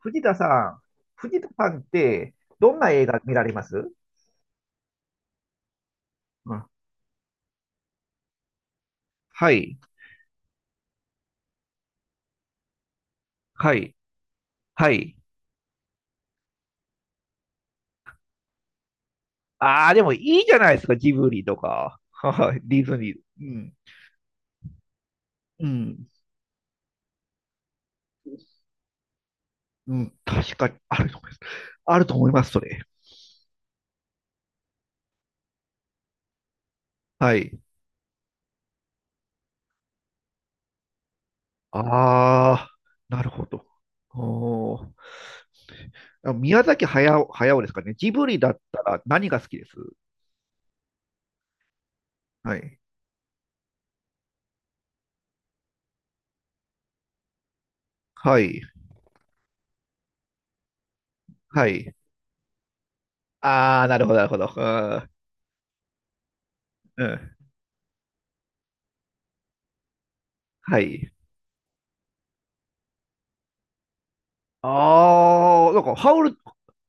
藤田さん、藤田さんって、どんな映画見られます？うん。はい、はい、はい。ああ、でもいいじゃないですか、ジブリとか、はい、ディズニー。うん、うん、うん、確かにあると思います。あると思います、それ。はい。ああ、なるほど。おー、あ、宮崎駿、駿ですかね。ジブリだったら何が好きです？はい。はい。はい。ああ、なるほど、なるほど。うん。うん。はい。ああ、なんか、ハウル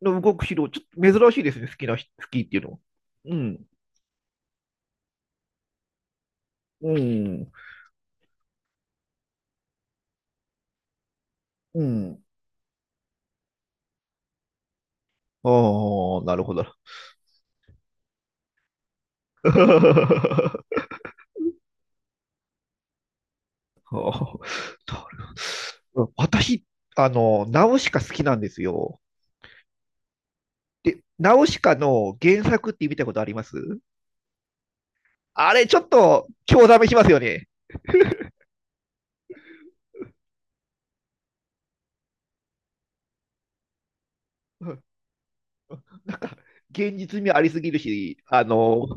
の動く城、ちょっと珍しいですね、好きっていうのは。うん、うん、うん。ああ、なるほど。あー、なるほど。私、ナウシカ好きなんですよ。で、ナウシカの原作って見たことあります？あれ、ちょっと、興ざめしますよね。うん。なんか、現実味ありすぎるし、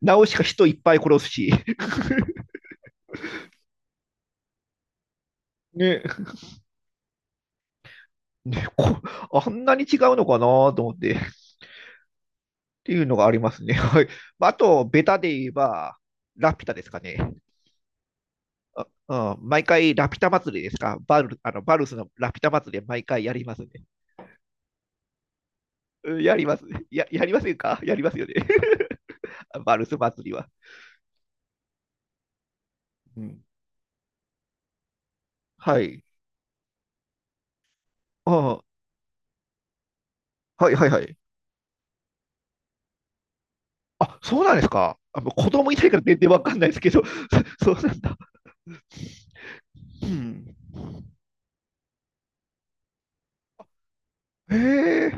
ナウシカ人いっぱい殺すし。ね、ね、こ、あんなに違うのかなと思って、っていうのがありますね。はい。まあ、あと、ベタで言えば、ラピュタですかね。あ、うん、毎回ラピュタ祭りですか。バルスのラピュタ祭り毎回やりますね。うん、やりますね。やりませんか、やりますよね。バルス祭りは。うん。はい。ああ、はいはいはい。あ、そうなんですか。あ、もう子供いないから全然わかんないですけど、そうなんだ。うん。へえ、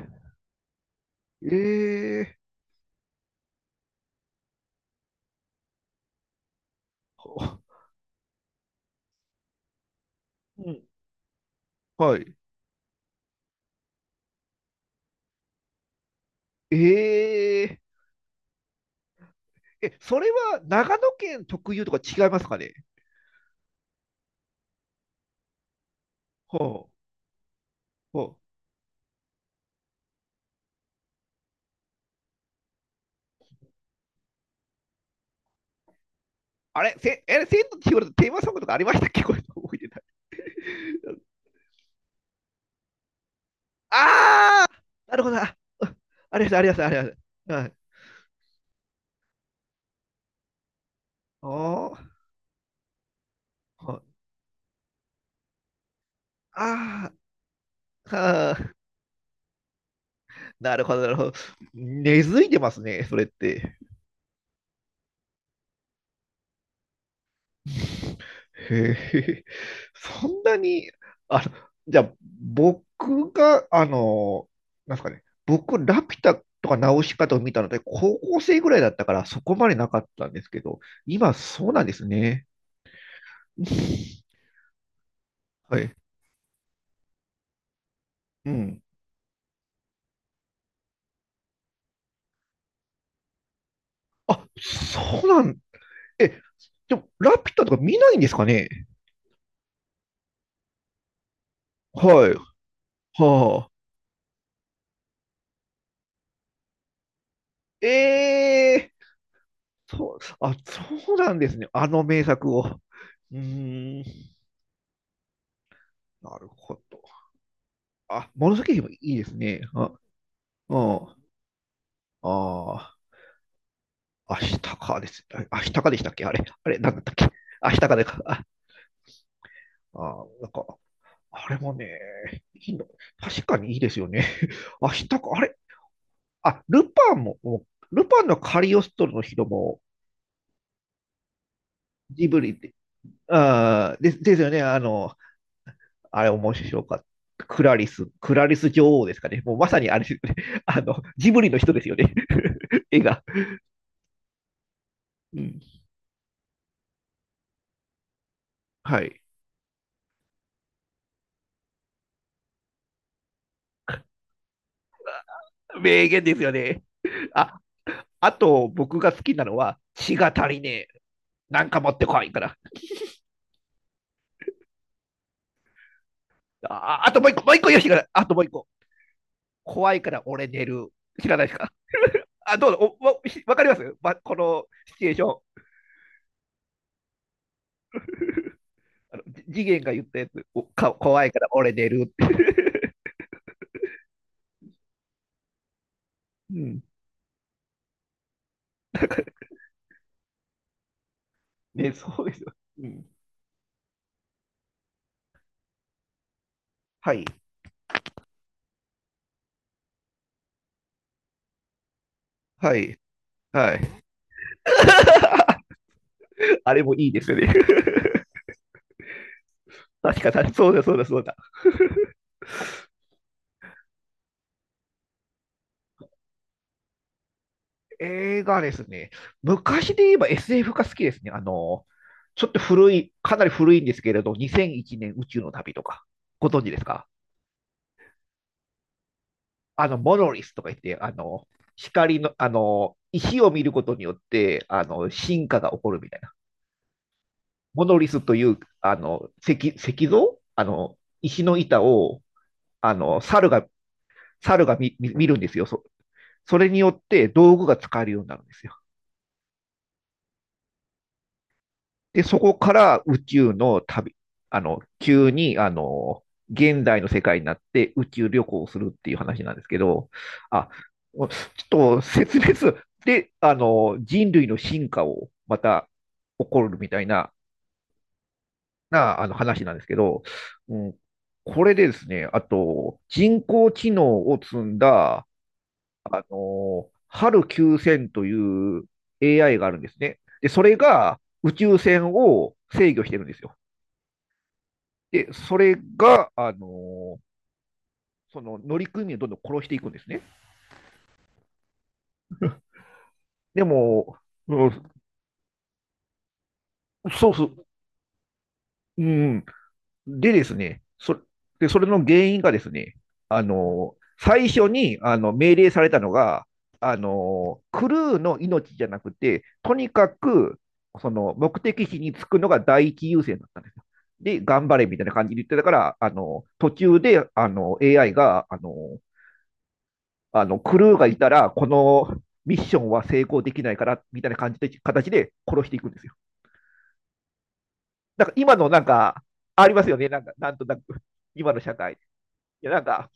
ええ、ほう、ん。はい。え、ええ、それは長野県特有とか違いますかね？ほう、ほう。あれ、せ、え、千と千尋のテーマソングとかありましたっけ？ これ覚えてない。ああ、なるほど。あ、うん、ありました、ありました、ありました。はい。おー、ほ、ああ、はあ、なるほど、なるほど。根付いてますね、それって。へえ、そんなに、あの、じゃあ、僕が、なんですかね、僕、ラピュタとかナウシカとか見たので、高校生ぐらいだったから、そこまでなかったんですけど、今、そうなんですね。うん。はい。うん。あ、そうなん、え、でも、ラピュタとか見ないんですかね？はい。はあ。え、え、そう、あ、そうなんですね。あの名作を。うーん、なるほど。あ、紫姫いいですね。あ、うん。ああ、アシタカです。あ、アシタカでしたっけ、あれ、あれ、なんだったっけ？アシタカでか。あ、あー、なんか、あれもね、いいの。確かにいいですよね。アシタカ、あれ、あ、ルパンも、もうルパンのカリオストロの人も、ジブリで、ああ、ですよね。あれ面白かった。クラリス、クラリス女王ですかね。もうまさにあれですよね。ジブリの人ですよね。絵が。うん。はい。名言ですよね。あ、あと僕が好きなのは、血が足りねえ。なんか持ってこいから。あ、あともう一個、もう一個よしが、あともう一個。怖いから俺寝る。知らないですか？あ、どうぞ。わかります、ま、このシチュエーション。あの次元が言ったやつ。怖いから俺寝るって。うん。ね、そうですよ。うん。はい。はい。はい。あれもいいですよね。確かに、そうだ、そうだ、そうだ。映画ですね。昔で言えば SF が好きですね。ちょっと古い、かなり古いんですけれど、2001年宇宙の旅とか、ご存知ですか？モノリスとか言って、光の、石を見ることによって、進化が起こるみたいな。モノリスという、石像、石の板を、猿が、猿が見るんですよ。それによって道具が使えるようになるんですよ。で、そこから宇宙の旅、あの、急に、あの、現代の世界になって宇宙旅行をするっていう話なんですけど、あ、ちょっと説明する。で、人類の進化をまた起こるみたいな、話なんですけど、うん、これでですね、あと、人工知能を積んだ、ハル9000という AI があるんですね。で、それが宇宙船を制御してるんですよ。で、それが、ーその乗組員をどんどん殺していくんですね。でも、うん、そうそう、うん。でですね、それの原因がですね、最初にあの命令されたのが、クルーの命じゃなくて、とにかくその目的地に着くのが第一優先だったんですよ。で、頑張れみたいな感じで言ってたから、途中であの AI がクルーがいたら、このミッションは成功できないから、みたいな感じで、形で殺していくんですよ。なんか今のなんか、ありますよね。なんか、なんとなく、今の社会。いや、なんか、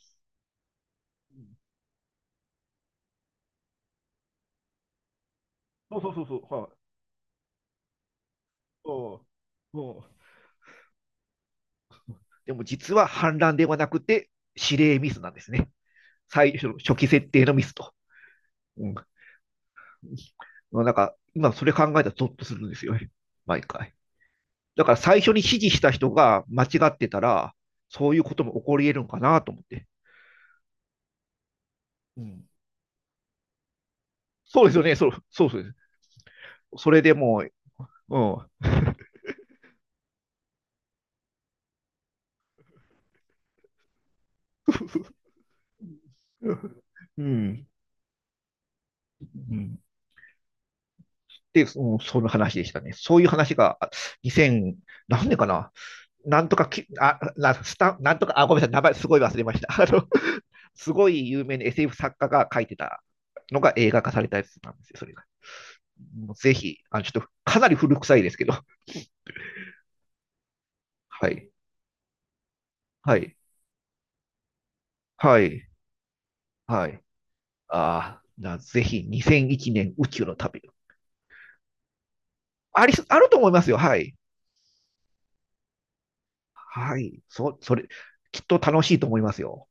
そうそうそうそう、はい。そうそう。でも実は反乱ではなくて、指令ミスなんですね。最初の初期設定のミスと。うん。なんか、今それ考えたらゾッとするんですよね。毎回。だから最初に指示した人が間違ってたら、そういうことも起こり得るのかなと思って。うん。そうですよね、そう、そうそうです。それでもう、うん。うん。うん。で、うん、その話でしたね。そういう話が、2000、何年かな、なんとかき、あ、な、スタなんとか、あ、ごめんなさい、名前すごい忘れました。すごい有名な SF 作家が書いてたのが映画化されたやつなんですよ、それが。もうぜひ、あの、ちょっと、かなり古臭いですけど、はい、はい、はい、はい。ああ、ぜひ2001年宇宙の旅。あり、あると思いますよ、はい。はい。それ、きっと楽しいと思いますよ。